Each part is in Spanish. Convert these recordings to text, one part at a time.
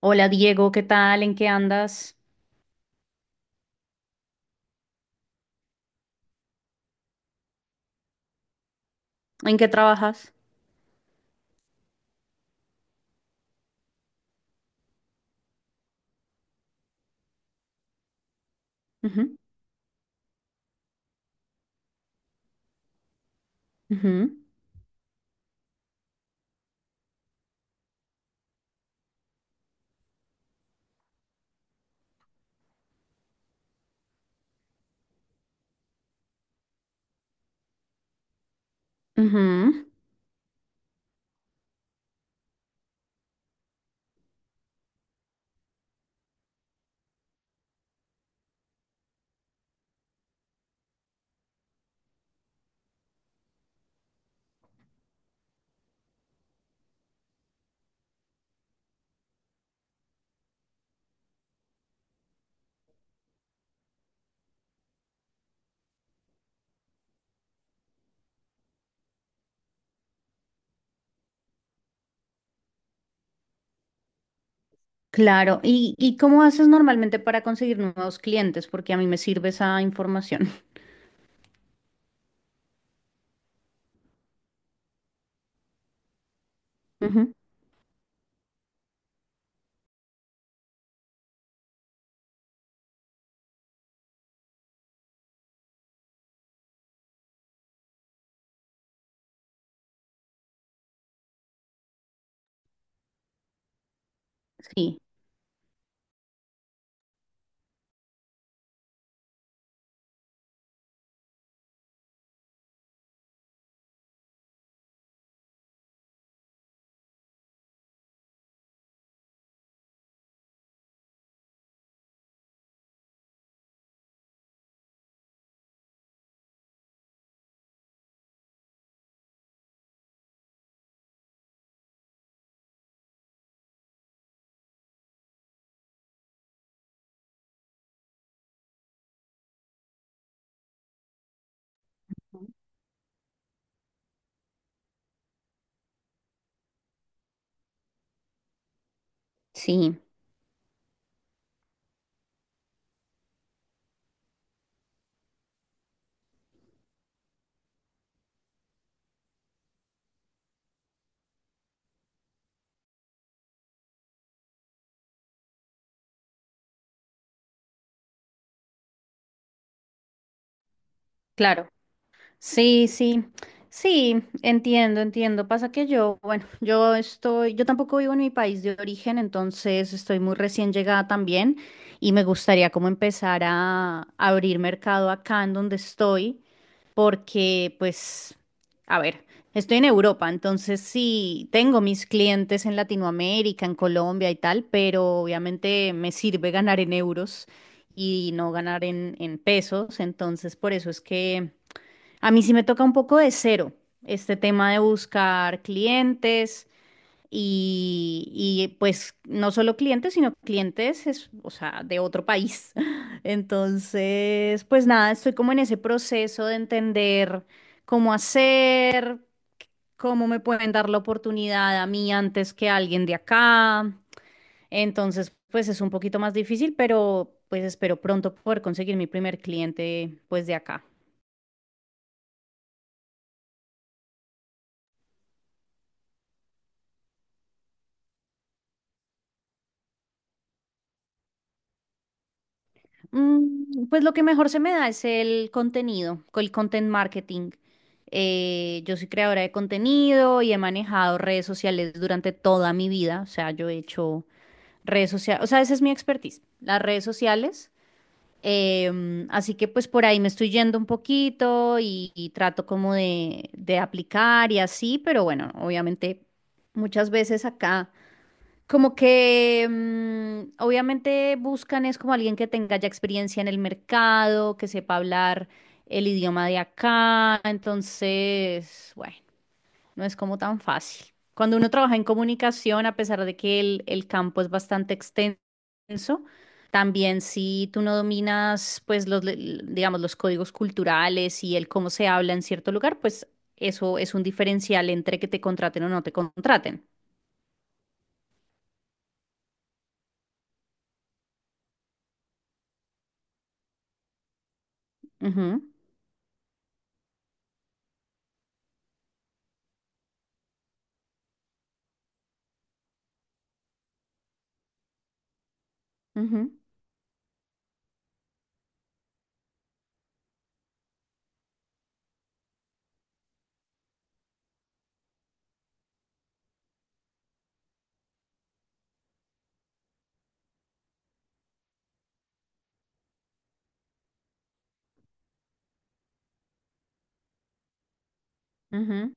Hola Diego, ¿qué tal? ¿En qué andas? ¿En qué trabajas? Ujú, ujú, ujú. Claro. ¿Y cómo haces normalmente para conseguir nuevos clientes? Porque a mí me sirve esa información. Ujú. Sí, sí, claro. Sí, sí, sí, entiendo. Pasa que yo, bueno, yo estoy, yo tampoco vivo en mi país de origen, entonces estoy muy recién llegada también y me gustaría como empezar a abrir mercado acá en donde estoy. Porque pues, a ver, estoy en Europa, entonces sí, tengo mis clientes en Latinoamérica, en Colombia y tal, pero obviamente me sirve ganar en euros y no ganar en pesos, entonces por eso es que a mí sí me toca un poco de cero este tema de buscar clientes. Y, y pues no solo clientes, sino clientes, es, o sea, de otro país. Entonces, pues nada, estoy como en ese proceso de entender cómo hacer, cómo me pueden dar la oportunidad a mí antes que a alguien de acá. Entonces, pues es un poquito más difícil, pero pues espero pronto poder conseguir mi primer cliente pues de acá. Pues lo que mejor se me da es el contenido, con el content marketing. Yo soy creadora de contenido y he manejado redes sociales durante toda mi vida. O sea, yo he hecho redes sociales, o sea, esa es mi expertise, las redes sociales. Así que pues por ahí me estoy yendo un poquito y trato como de aplicar y así, pero bueno, obviamente muchas veces acá. Como que obviamente buscan es como alguien que tenga ya experiencia en el mercado, que sepa hablar el idioma de acá, entonces, bueno, no es como tan fácil. Cuando uno trabaja en comunicación, a pesar de que el campo es bastante extenso, también si tú no dominas, pues, los, le- digamos, los códigos culturales y el cómo se habla en cierto lugar, pues eso es un diferencial entre que te contraten o no te contraten. Ujú, ujú, ujú.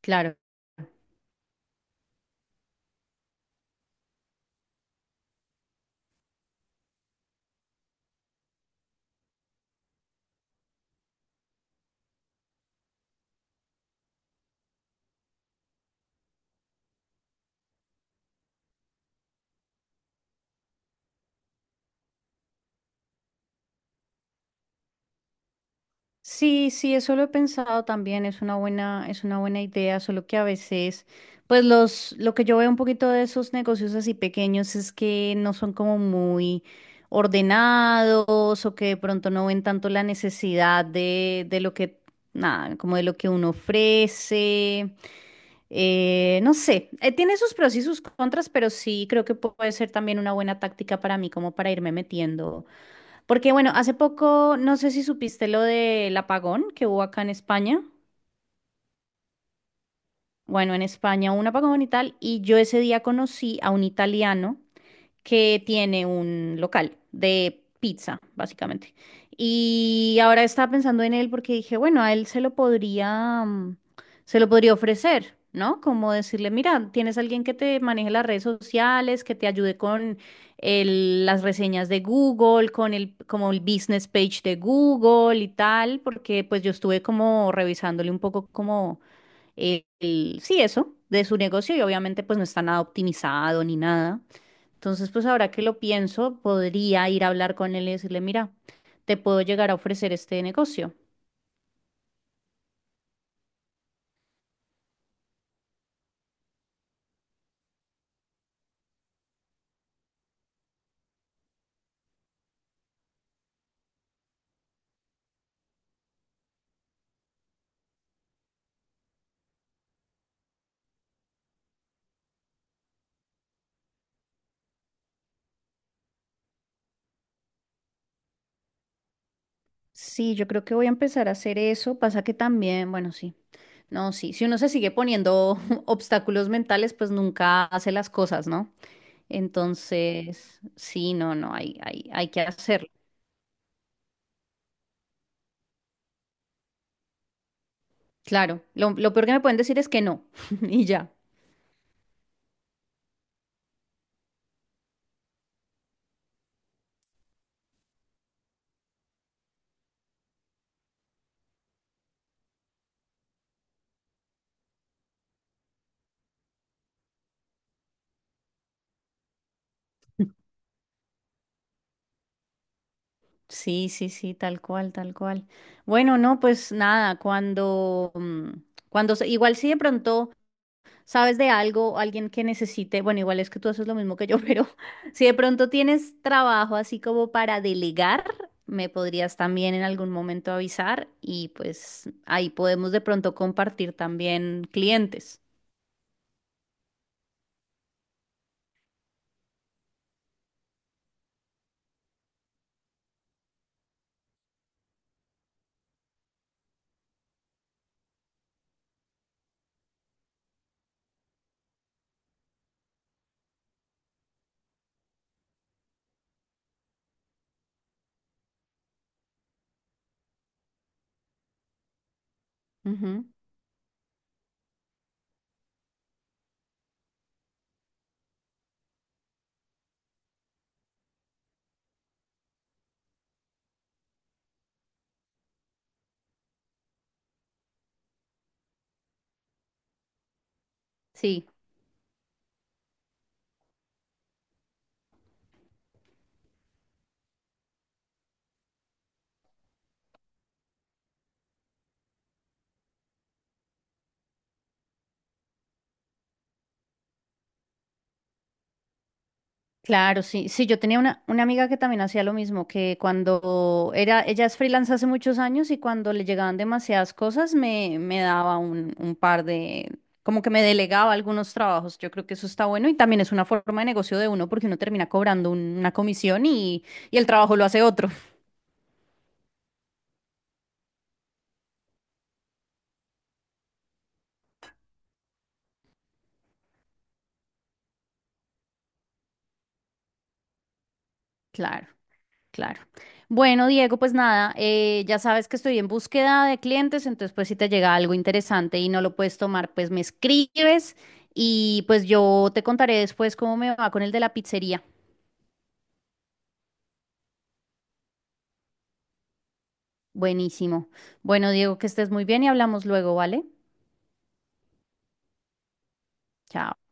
Claro. Sí, sí, eso lo he pensado también, es una buena idea, solo que a veces, pues los, lo que yo veo un poquito de esos negocios así pequeños es que no son como muy ordenados o que de pronto no ven tanto la necesidad de lo que, nada, como de lo que uno ofrece. No sé, tiene sus pros y sus contras, pero sí creo que puede ser también una buena táctica para mí, como para irme metiendo. Porque bueno, hace poco, no sé si supiste lo del apagón que hubo acá en España. Bueno, en España hubo un apagón y tal, y yo ese día conocí a un italiano que tiene un local de pizza, básicamente. Y ahora estaba pensando en él porque dije, bueno, a él se lo podría, se lo podría ofrecer, ¿no? Como decirle, mira, tienes alguien que te maneje las redes sociales, que te ayude con el- las reseñas de Google, con el, como el business page de Google y tal, porque pues yo estuve como revisándole un poco como el- sí, eso, de su negocio y obviamente pues no está nada optimizado ni nada. Entonces, pues ahora que lo pienso, podría ir a hablar con él y decirle, mira, te puedo llegar a ofrecer este negocio. Sí, yo creo que voy a empezar a hacer eso. Pasa que también, bueno, sí. No, sí. Si uno se sigue poniendo obstáculos mentales, pues nunca hace las cosas, ¿no? Entonces, sí, no, no, hay que hacerlo. Claro. Lo peor que me pueden decir es que no. Y ya. Sí, sí, sí, tal cual, tal cual. Bueno, no, pues nada, cuando, cuando, se- igual si de pronto. ¿Sabes de algo, alguien que necesite? Bueno, igual es que tú haces lo mismo que yo, pero si de pronto tienes trabajo así como para delegar, me podrías también en algún momento avisar y pues ahí podemos de pronto compartir también clientes. Ujú, Sí. Claro, sí, sí, yo tenía una amiga que también hacía lo mismo, que cuando era, ella es freelance hace muchos años y cuando le llegaban demasiadas cosas me, me daba un par de, como que me delegaba algunos trabajos, yo creo que eso está bueno y también es una forma de negocio de uno porque uno termina cobrando un- una comisión y el trabajo lo hace otro. Claro. Claro. Bueno, Diego, pues nada, ya sabes que estoy en búsqueda de clientes, entonces pues si te llega algo interesante y no lo puedes tomar, pues me escribes y pues yo te contaré después cómo me va con el de la pizzería. Buenísimo. Bueno, Diego, que estés muy bien y hablamos luego, ¿vale? Chao.